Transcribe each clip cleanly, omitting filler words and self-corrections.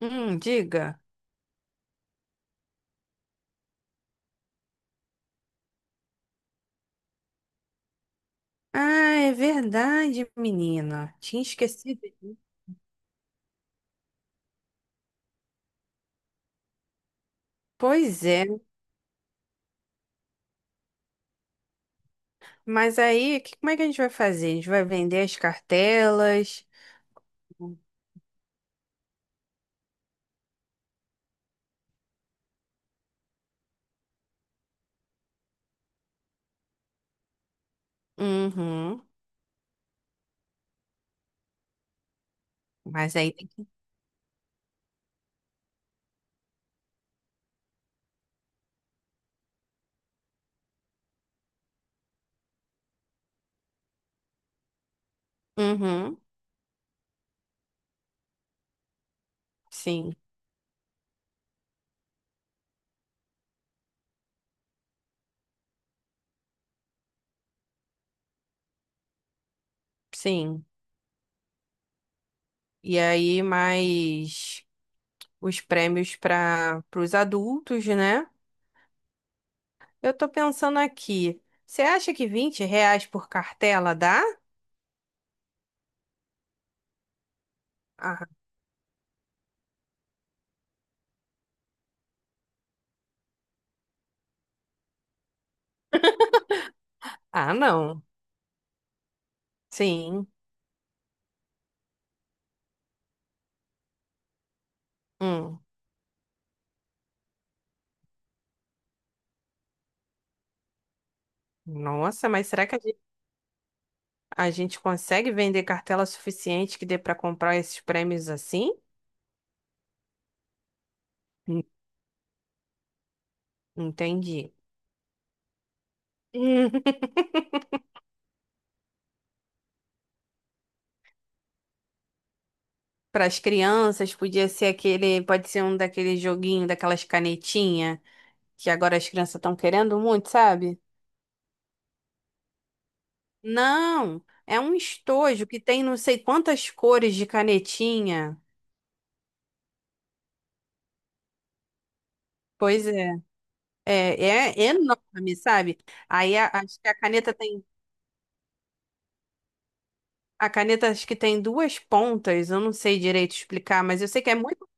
Diga. Ah, é verdade, menina. Tinha esquecido disso. Pois é. Mas aí, como é que a gente vai fazer? A gente vai vender as cartelas? Uhum. Mas aí. Uhum. Sim, sim. E aí, mais os prêmios para os adultos, né? Eu tô pensando aqui. Você acha que R$ 20 por cartela dá? Ah, ah, não. Sim. Hum. Nossa, mas será que a gente. A gente consegue vender cartela suficiente que dê para comprar esses prêmios assim? Hum, Entendi. Para as crianças, podia ser aquele, pode ser um daquele joguinho, daquelas canetinhas que agora as crianças estão querendo muito, sabe? Não, é um estojo que tem não sei quantas cores de canetinha. Pois é. é, É enorme, sabe? Aí acho que a caneta tem, a caneta acho que tem duas pontas, eu não sei direito explicar, mas eu sei que é muito.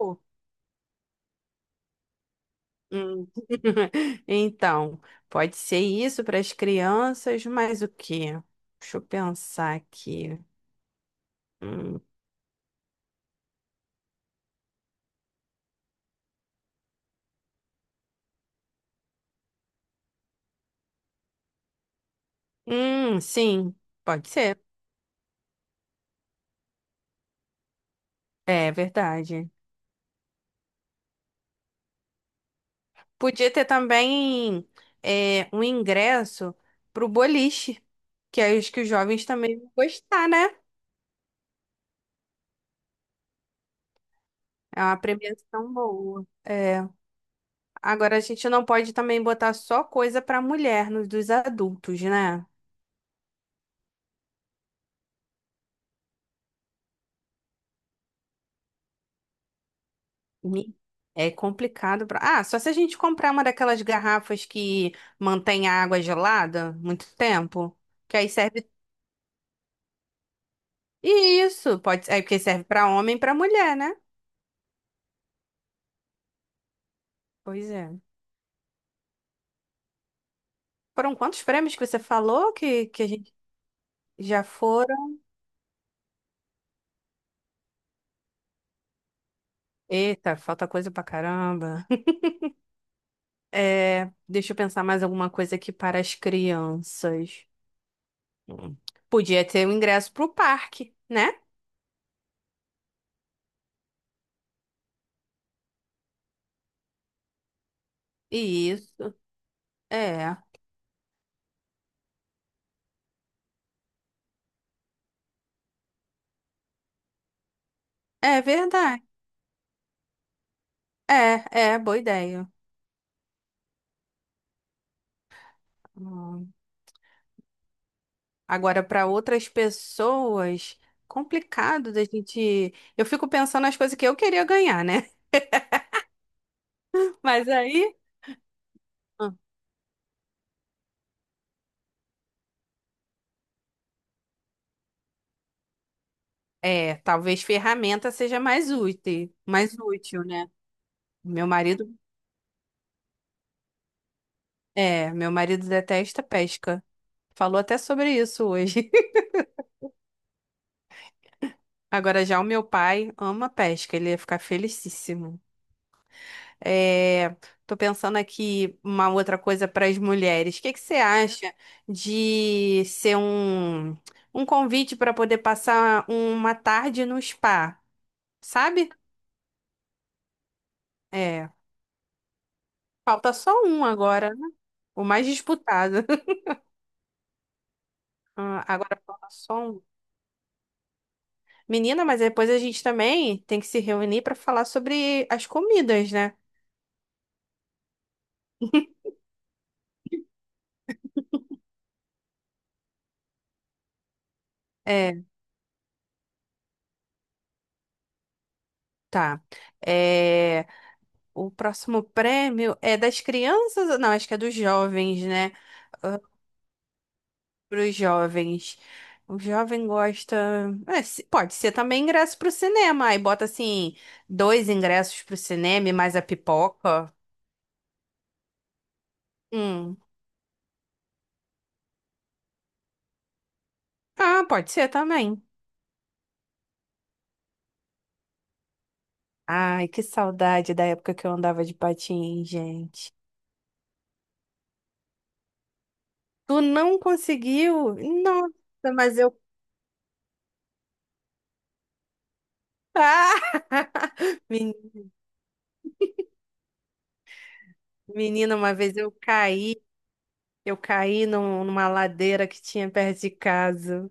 Hum. Então, pode ser isso para as crianças, mas o quê? Deixa eu pensar aqui. Hum, Hum, sim, pode ser. É verdade. Podia ter também um ingresso para o boliche, que é os que os jovens também vão gostar, né? É uma premiação boa. É. Agora, a gente não pode também botar só coisa para mulher nos dos adultos, né? Mi- É complicado pra. Ah, só se a gente comprar uma daquelas garrafas que mantém a água gelada muito tempo, que aí serve isso, pode, é porque serve pra homem e pra mulher, né? Pois é. Foram quantos prêmios que você falou que a gente já foram? Eita, falta coisa pra caramba. É, deixa eu pensar mais alguma coisa aqui para as crianças. Hum. Podia ter o ingresso pro parque, né? Isso. É. É verdade. É, boa ideia. Hum. Agora, para outras pessoas, complicado da gente. Eu fico pensando nas coisas que eu queria ganhar, né? Mas aí. Ah. É, talvez ferramenta seja mais útil, né? Meu marido, meu marido detesta pesca. Falou até sobre isso hoje. Agora já o meu pai ama pesca, ele ia ficar felicíssimo. É, tô pensando aqui uma outra coisa para as mulheres. O que que você acha de ser um convite para poder passar uma tarde no spa, sabe? É, falta só um agora, né? O mais disputado. Ah, agora falta só um. Menina, mas depois a gente também tem que se reunir para falar sobre as comidas, né? É, tá. É, o próximo prêmio é das crianças, não, acho que é dos jovens, né? Para os jovens. O jovem gosta. É, pode ser também ingresso para o cinema. Aí bota assim, dois ingressos para o cinema e mais a pipoca. Hum. Ah, pode ser também. Ai, que saudade da época que eu andava de patins, gente. Tu não conseguiu? Nossa, mas eu. Ah! Men- Menina, uma vez eu caí. Eu caí numa ladeira que tinha perto de casa.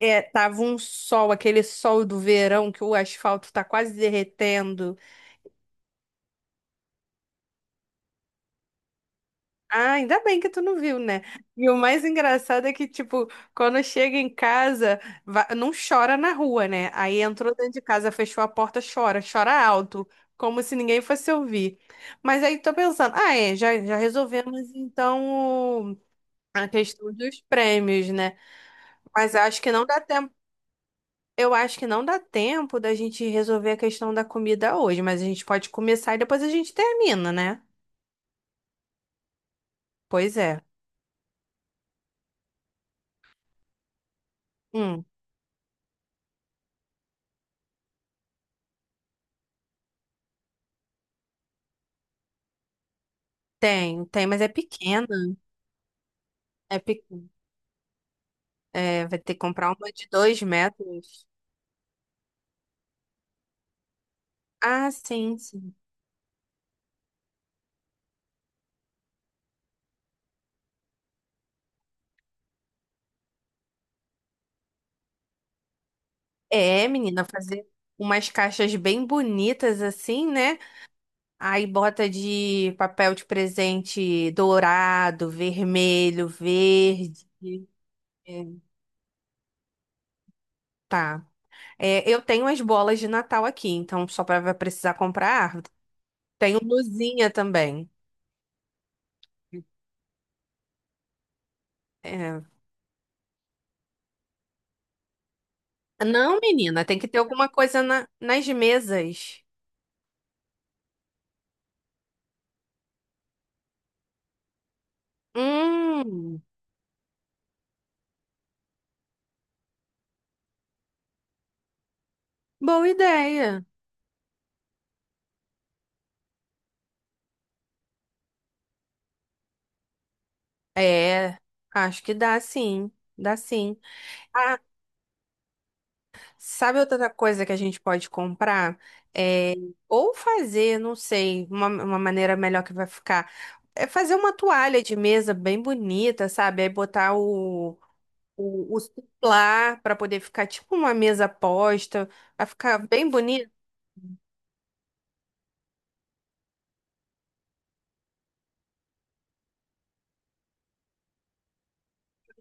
É, tava um sol, aquele sol do verão que o asfalto tá quase derretendo. Ah, ainda bem que tu não viu, né? E o mais engraçado é que, tipo, quando chega em casa, não chora na rua, né? Aí entrou dentro de casa, fechou a porta, chora, chora alto, como se ninguém fosse ouvir. Mas aí tô pensando, já, já resolvemos então a questão dos prêmios, né? Mas acho que não dá. Eu acho que não dá tempo da gente resolver a questão da comida hoje, mas a gente pode começar e depois a gente termina, né? Pois é. Hum, tem, tem, mas é pequena. É, vai ter que comprar uma de 2 metros. Ah, sim, sim. É, menina, fazer umas caixas bem bonitas assim, né? Aí bota de papel de presente dourado, vermelho, verde. É, tá. É, eu tenho as bolas de Natal aqui, então só vai precisar comprar a árvore. Tenho luzinha também. É. Não, menina, tem que ter alguma coisa nas mesas. Hum, Boa ideia. É, acho que dá sim, dá sim. Ah, sabe outra coisa que a gente pode comprar? É, ou fazer, não sei, uma maneira melhor que vai ficar. É fazer uma toalha de mesa bem bonita, sabe? Aí botar o suplar para poder ficar tipo uma mesa posta, para ficar bem bonito.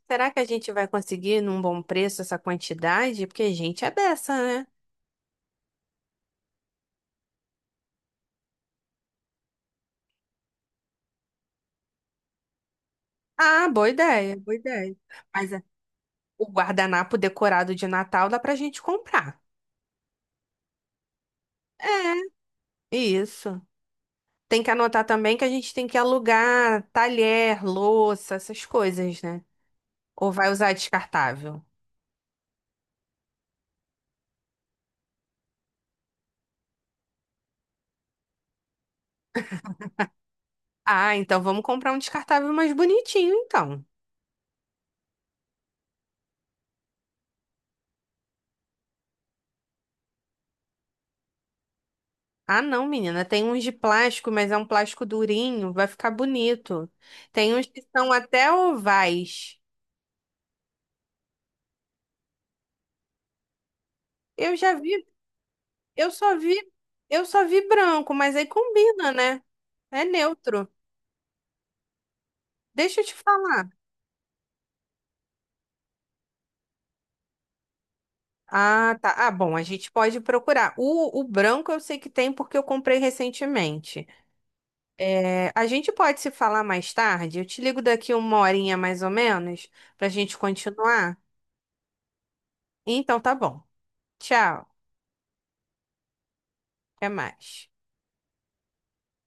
Será que a gente vai conseguir num bom preço essa quantidade? Porque a gente é dessa, né? Ah, boa ideia, boa ideia. Mas é, o guardanapo decorado de Natal dá pra gente comprar. É, isso. Tem que anotar também que a gente tem que alugar talher, louça, essas coisas, né? Ou vai usar descartável? Ah, então vamos comprar um descartável mais bonitinho, então. Ah, não, menina. Tem uns de plástico, mas é um plástico durinho. Vai ficar bonito. Tem uns que são até ovais. Eu já vi, eu só vi, eu só vi branco, mas aí combina, né? É neutro. Deixa eu te falar. Ah, tá. Ah, bom, a gente pode procurar. O branco eu sei que tem porque eu comprei recentemente. É, a gente pode se falar mais tarde? Eu te ligo daqui uma horinha mais ou menos pra gente continuar. Então tá bom. Tchau. Até mais.